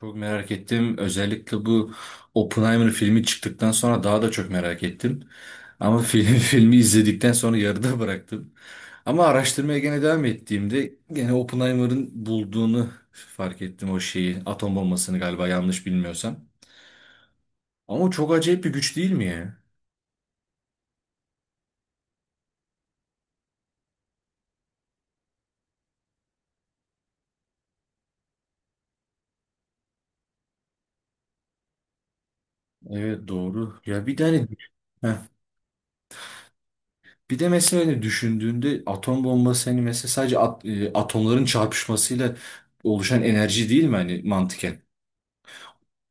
Çok merak ettim. Özellikle bu Oppenheimer filmi çıktıktan sonra daha da çok merak ettim. Ama film, filmi izledikten sonra yarıda bıraktım. Ama araştırmaya gene devam ettiğimde gene Oppenheimer'ın bulduğunu fark ettim o şeyi. Atom bombasını galiba yanlış bilmiyorsam. Ama çok acayip bir güç değil mi ya? Evet, doğru. Ya bir tane. Heh. Bir de mesela hani düşündüğünde atom bombası hani mesela sadece atomların çarpışmasıyla oluşan enerji değil mi hani mantıken?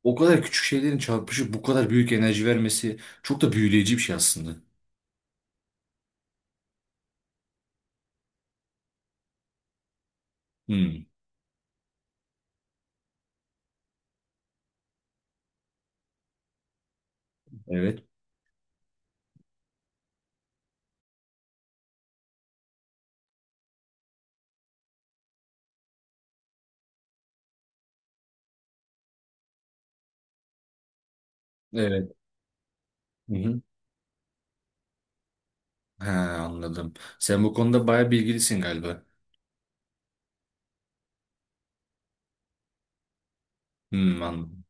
O kadar küçük şeylerin çarpışıp bu kadar büyük enerji vermesi çok da büyüleyici bir şey aslında. Hmm, evet. Evet. Hı hı. He, anladım. Sen bu konuda bayağı bilgilisin galiba. Hmm, anladım.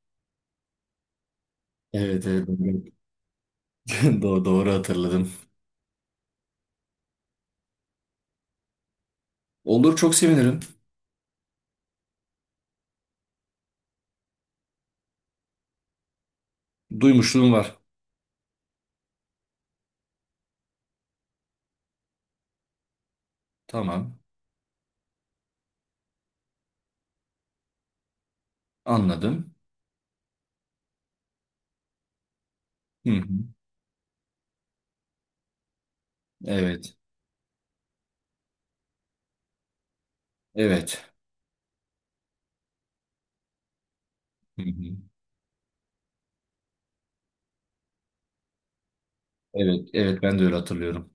Evet, evet, evet. Doğru, doğru hatırladım. Olur, çok sevinirim. Duymuşluğum var. Tamam. Anladım. Hı hı. Evet. Evet. Hı hı. Evet. Evet, ben de öyle hatırlıyorum.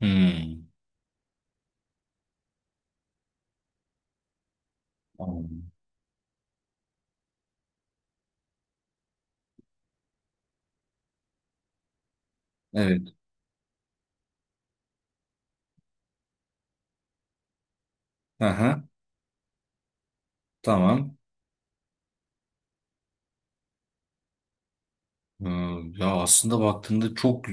Hmm. Anladım. Evet. Aha. Tamam. Ee, Ya aslında baktığında çok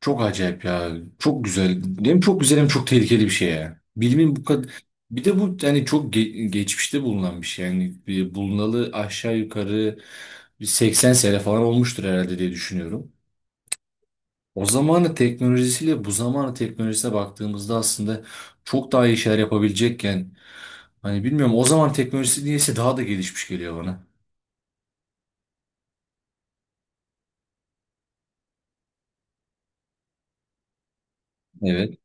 çok acayip ya. Çok güzel. Hem çok güzel hem çok tehlikeli bir şey ya. Bilimin bu kadar... Bir de bu yani çok geçmişte bulunan bir şey. Yani bir bulunalı aşağı yukarı bir 80 sene falan olmuştur herhalde diye düşünüyorum. O zamanın teknolojisiyle bu zamanın teknolojisine baktığımızda aslında çok daha iyi şeyler yapabilecekken hani bilmiyorum o zaman teknolojisi niyeyse daha da gelişmiş geliyor bana. Evet.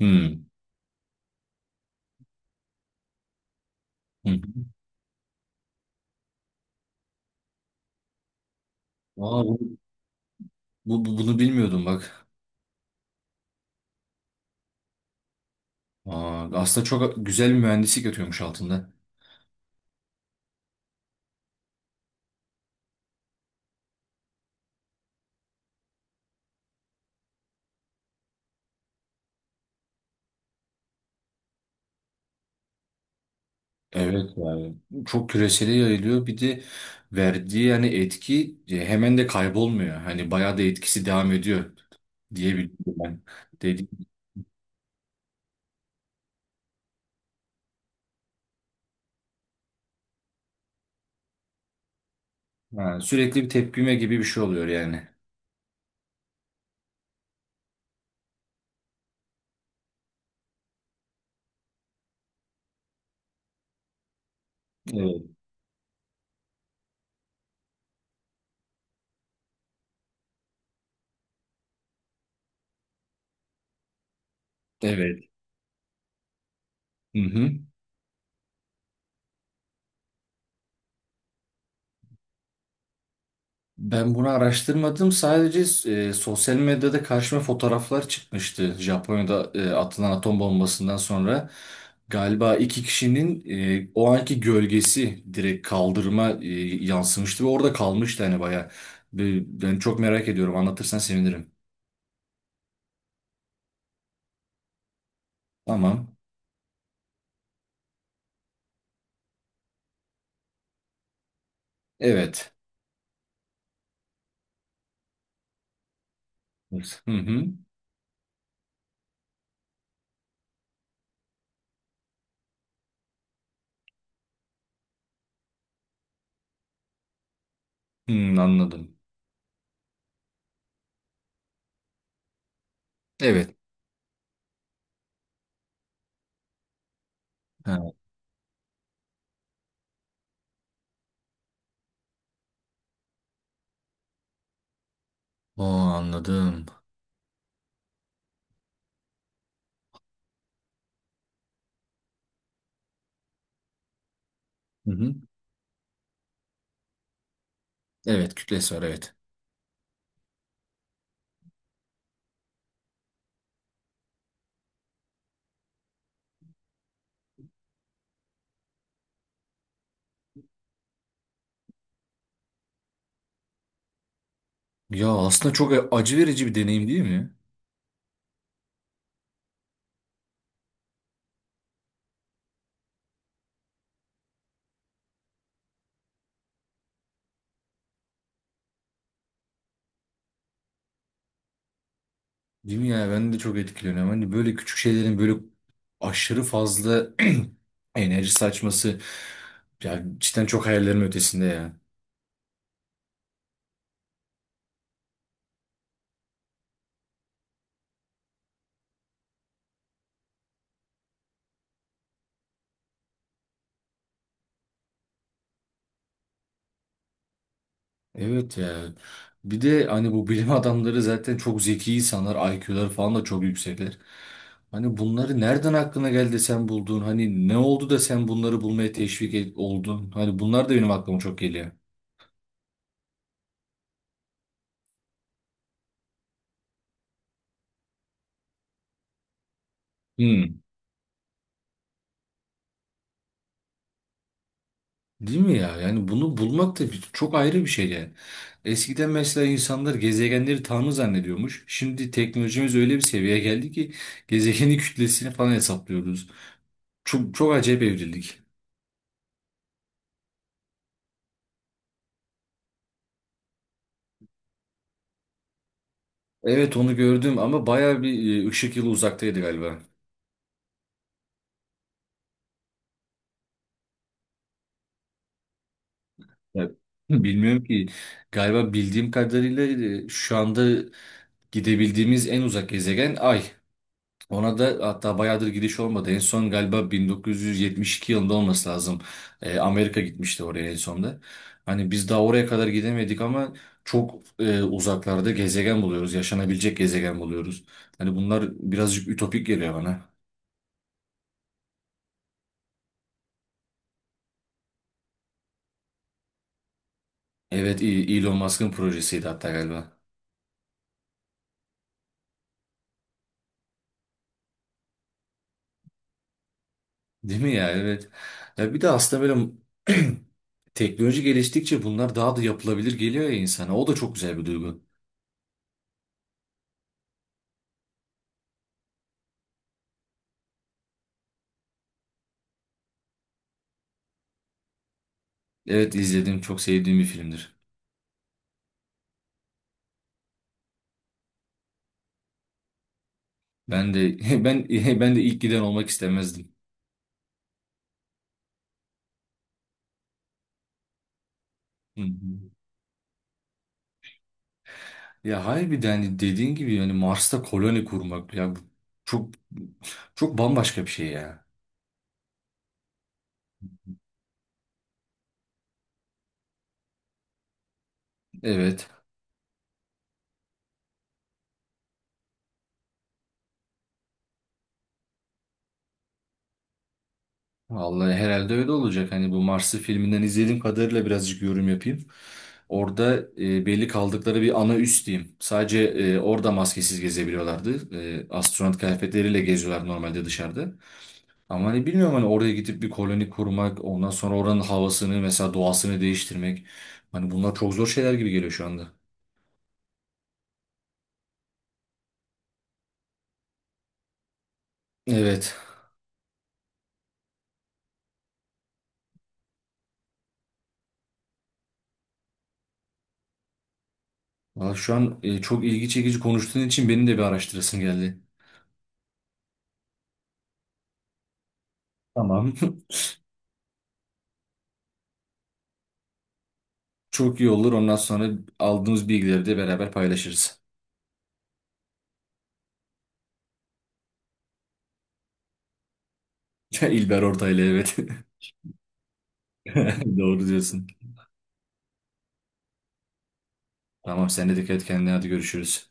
Hmm. Hı hı. Aa, bunu bilmiyordum bak. Aa, aslında çok güzel bir mühendislik yatıyormuş altında. Evet yani çok küresele yayılıyor, bir de verdiği yani etki, hemen de kaybolmuyor. Hani bayağı da etkisi devam ediyor diyebilirim ben. Dedi. Ha, sürekli bir tepkime gibi bir şey oluyor yani. Evet. Evet. Hı hı. Ben bunu araştırmadım. Sadece sosyal medyada karşıma fotoğraflar çıkmıştı. Japonya'da atılan atom bombasından sonra galiba iki kişinin o anki gölgesi direkt kaldırıma yansımıştı ve orada kalmıştı hani bayağı. Ben çok merak ediyorum. Anlatırsan sevinirim. Tamam. Evet. Evet. Hı hı. Hı, anladım. Evet. Ha. O, anladım. Hı hı. Evet, kütlesi var, evet. Ya aslında çok acı verici bir deneyim değil mi? Değil mi ya? Ben de çok etkileniyorum. Hani böyle küçük şeylerin böyle aşırı fazla enerji saçması ya cidden çok hayallerimin ötesinde ya. Evet ya. Bir de hani bu bilim adamları zaten çok zeki insanlar. IQ'ları falan da çok yüksekler. Hani bunları nereden aklına geldi de sen buldun? Hani ne oldu da sen bunları bulmaya oldun? Hani bunlar da benim aklıma çok geliyor. Hmm. Değil mi ya? Yani bunu bulmak da çok ayrı bir şey yani. Eskiden mesela insanlar gezegenleri tanrı zannediyormuş. Şimdi teknolojimiz öyle bir seviyeye geldi ki gezegenin kütlesini falan hesaplıyoruz. Çok, çok acayip evrildik. Evet, onu gördüm ama bayağı bir ışık yılı uzaktaydı galiba. Ya, bilmiyorum ki galiba bildiğim kadarıyla şu anda gidebildiğimiz en uzak gezegen Ay. Ona da hatta bayağıdır gidiş olmadı. En son galiba 1972 yılında olması lazım. Amerika gitmişti oraya en sonda. Hani biz daha oraya kadar gidemedik ama çok uzaklarda gezegen buluyoruz. Yaşanabilecek gezegen buluyoruz. Hani bunlar birazcık ütopik geliyor bana. Evet, Elon Musk'ın projesiydi hatta galiba. Değil mi ya? Evet. Ya bir de aslında böyle teknoloji geliştikçe bunlar daha da yapılabilir geliyor ya insana. O da çok güzel bir duygu. Evet, izledim. Çok sevdiğim bir filmdir. Ben de ben de ilk giden olmak istemezdim. Hı hı. Ya harbiden hani dediğin gibi yani Mars'ta koloni kurmak ya bu çok çok bambaşka bir şey ya. Evet. Vallahi herhalde öyle olacak. Hani bu Mars'ı filminden izlediğim kadarıyla birazcık yorum yapayım. Orada belli kaldıkları bir ana üs diyeyim. Sadece orada maskesiz gezebiliyorlardı. Astronot kıyafetleriyle geziyorlar normalde dışarıda. Ama hani bilmiyorum hani oraya gidip bir koloni kurmak, ondan sonra oranın havasını mesela doğasını değiştirmek. Hani bunlar çok zor şeyler gibi geliyor şu anda. Evet. Valla şu an çok ilgi çekici konuştuğun için benim de bir araştırasım geldi. Tamam. Çok iyi olur. Ondan sonra aldığımız bilgileri de beraber paylaşırız. İlber Ortaylı, evet. Doğru diyorsun. Tamam, sen de dikkat et kendine, hadi görüşürüz.